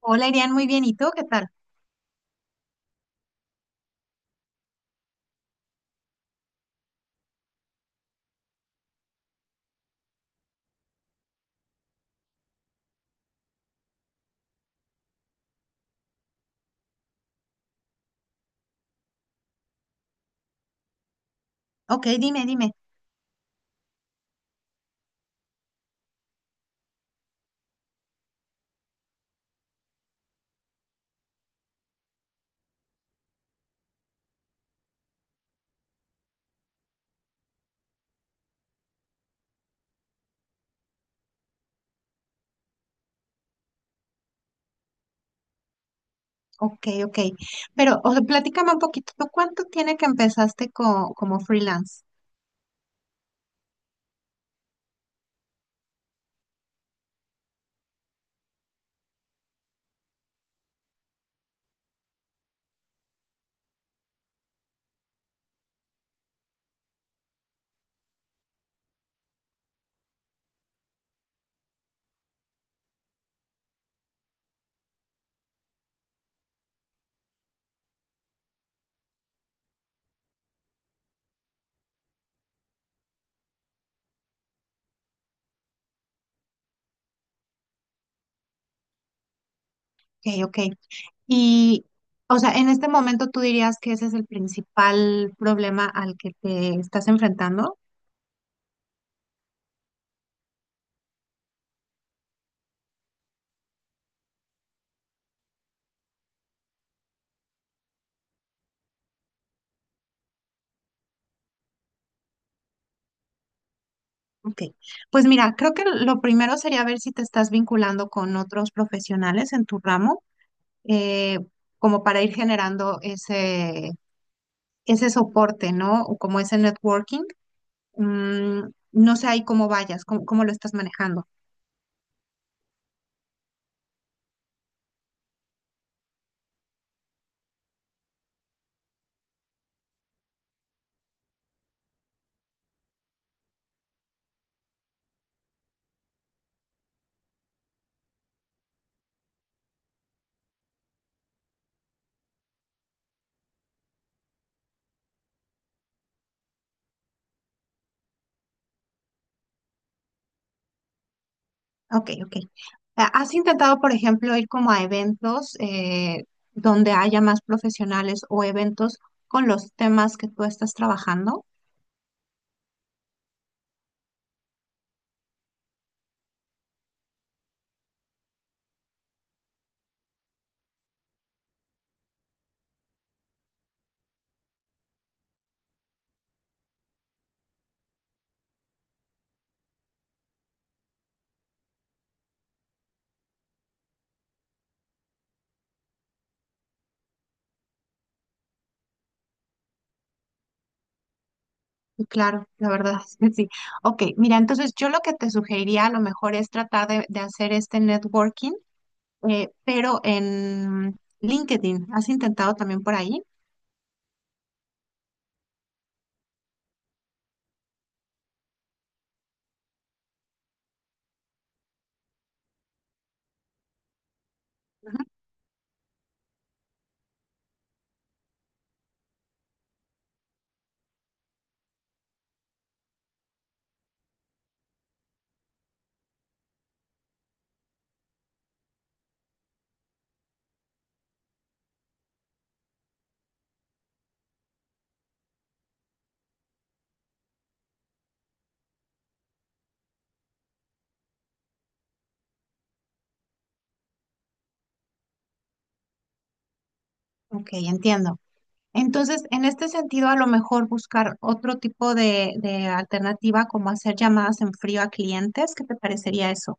Hola, Irian, muy bien. ¿Y tú qué tal? Ok, dime. Ok, ok. Pero, o sea, platícame un poquito. ¿Tú cuánto tiene que empezaste como freelance? Ok, ok. Y, o sea, en este momento tú dirías que ese es el principal problema al que te estás enfrentando. Ok. Pues mira, creo que lo primero sería ver si te estás vinculando con otros profesionales en tu ramo, eh, como para ir generando ese soporte, ¿no? O como ese networking. Mm, no sé ahí cómo vayas, cómo lo estás manejando. Ok, ok. Ah, ¿has intentado, por ejemplo, ir como a eventos donde haya más profesionales o eventos con los temas que tú estás trabajando? Y claro, la verdad es que sí. Ok, mira, entonces yo lo que te sugeriría a lo mejor es tratar de hacer este networking, pero en LinkedIn. ¿Has intentado también por ahí? Ujú. Ok, entiendo. Entonces, en este sentido, a lo mejor buscar otro tipo de alternativa, como hacer llamadas en frío a clientes, ¿qué te parecería eso?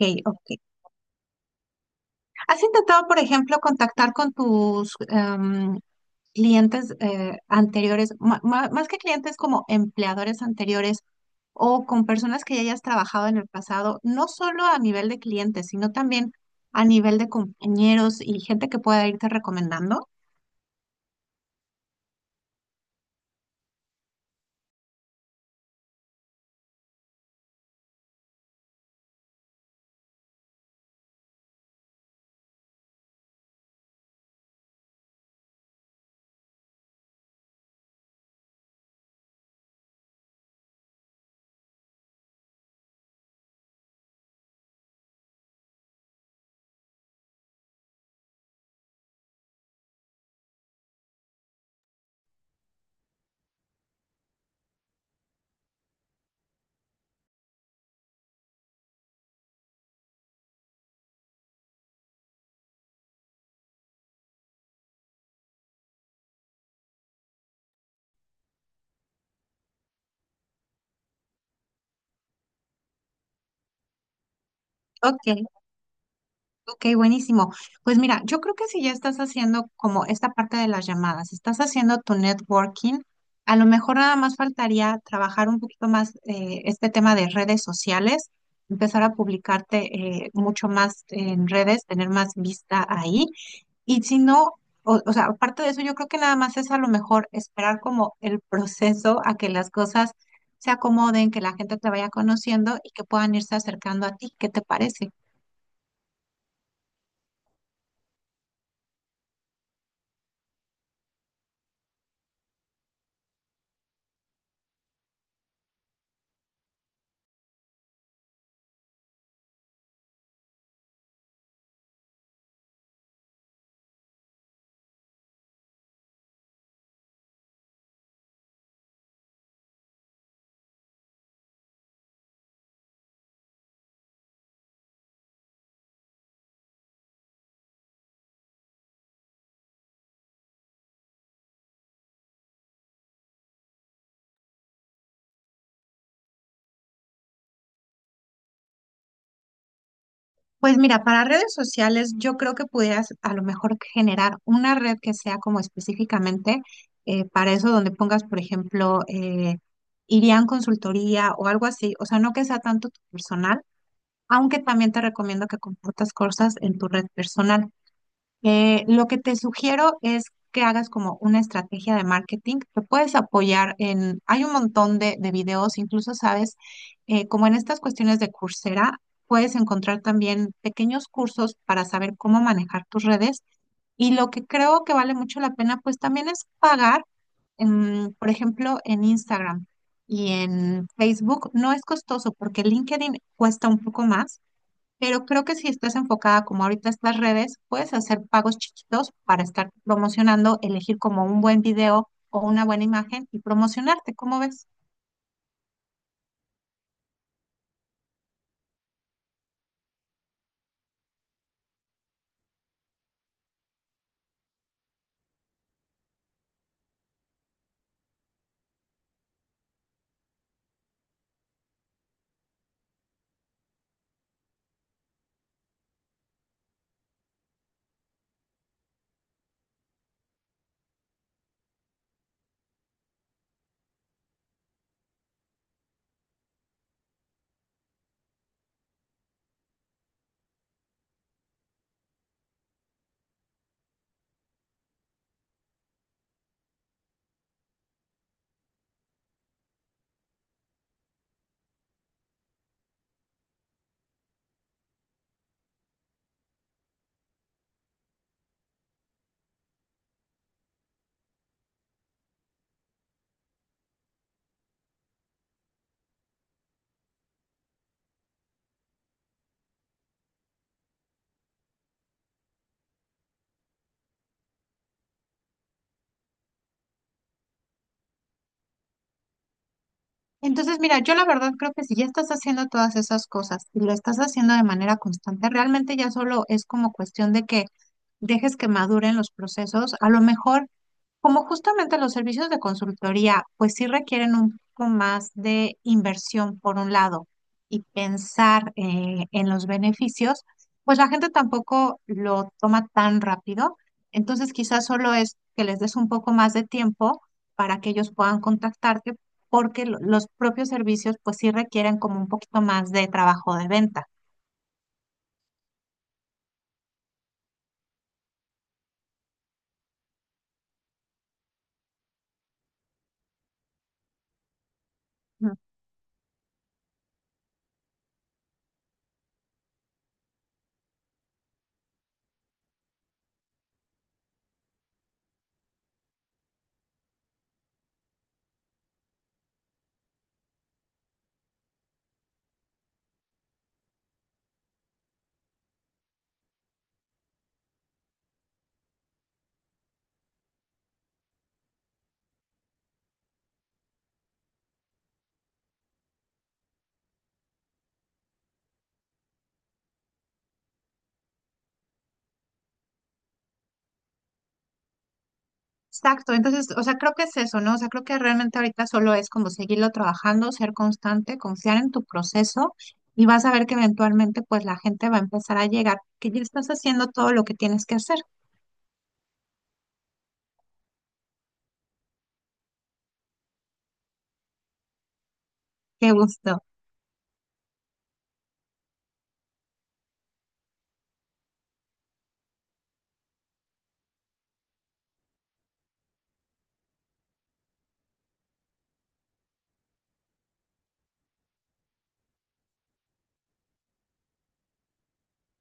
Ok, ok. ¿Has intentado, por ejemplo, contactar con tus clientes anteriores, más que clientes como empleadores anteriores o con personas que ya hayas trabajado en el pasado, no solo a nivel de clientes, sino también a nivel de compañeros y gente que pueda irte recomendando? Ok. Ok, buenísimo. Pues mira, yo creo que si ya estás haciendo como esta parte de las llamadas, estás haciendo tu networking, a lo mejor nada más faltaría trabajar un poquito más este tema de redes sociales, empezar a publicarte mucho más en redes, tener más vista ahí. Y si no, o sea, aparte de eso, yo creo que nada más es a lo mejor esperar como el proceso a que las cosas se acomoden, que la gente te vaya conociendo y que puedan irse acercando a ti. ¿Qué te parece? Pues mira, para redes sociales yo creo que pudieras a lo mejor generar una red que sea como específicamente para eso donde pongas, por ejemplo, irían consultoría o algo así, o sea, no que sea tanto tu personal, aunque también te recomiendo que compartas cosas en tu red personal. Lo que te sugiero es que hagas como una estrategia de marketing. Te puedes apoyar en, hay un montón de videos, incluso sabes, como en estas cuestiones de Coursera, puedes encontrar también pequeños cursos para saber cómo manejar tus redes. Y lo que creo que vale mucho la pena, pues también es pagar, en, por ejemplo, en Instagram y en Facebook. No es costoso porque LinkedIn cuesta un poco más, pero creo que si estás enfocada como ahorita estas redes, puedes hacer pagos chiquitos para estar promocionando, elegir como un buen video o una buena imagen y promocionarte, ¿cómo ves? Entonces, mira, yo la verdad creo que si ya estás haciendo todas esas cosas y lo estás haciendo de manera constante, realmente ya solo es como cuestión de que dejes que maduren los procesos. A lo mejor, como justamente los servicios de consultoría, pues sí requieren un poco más de inversión por un lado y pensar en los beneficios, pues la gente tampoco lo toma tan rápido. Entonces, quizás solo es que les des un poco más de tiempo para que ellos puedan contactarte porque los propios servicios pues sí requieren como un poquito más de trabajo de venta. Ujú. Exacto, entonces, o sea, creo que es eso, ¿no? O sea, creo que realmente ahorita solo es como seguirlo trabajando, ser constante, confiar en tu proceso y vas a ver que eventualmente pues la gente va a empezar a llegar, que ya estás haciendo todo lo que tienes que hacer. Qué gusto.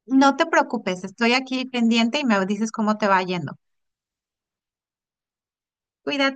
No te preocupes, estoy aquí pendiente y me dices cómo te va yendo. Cuídate.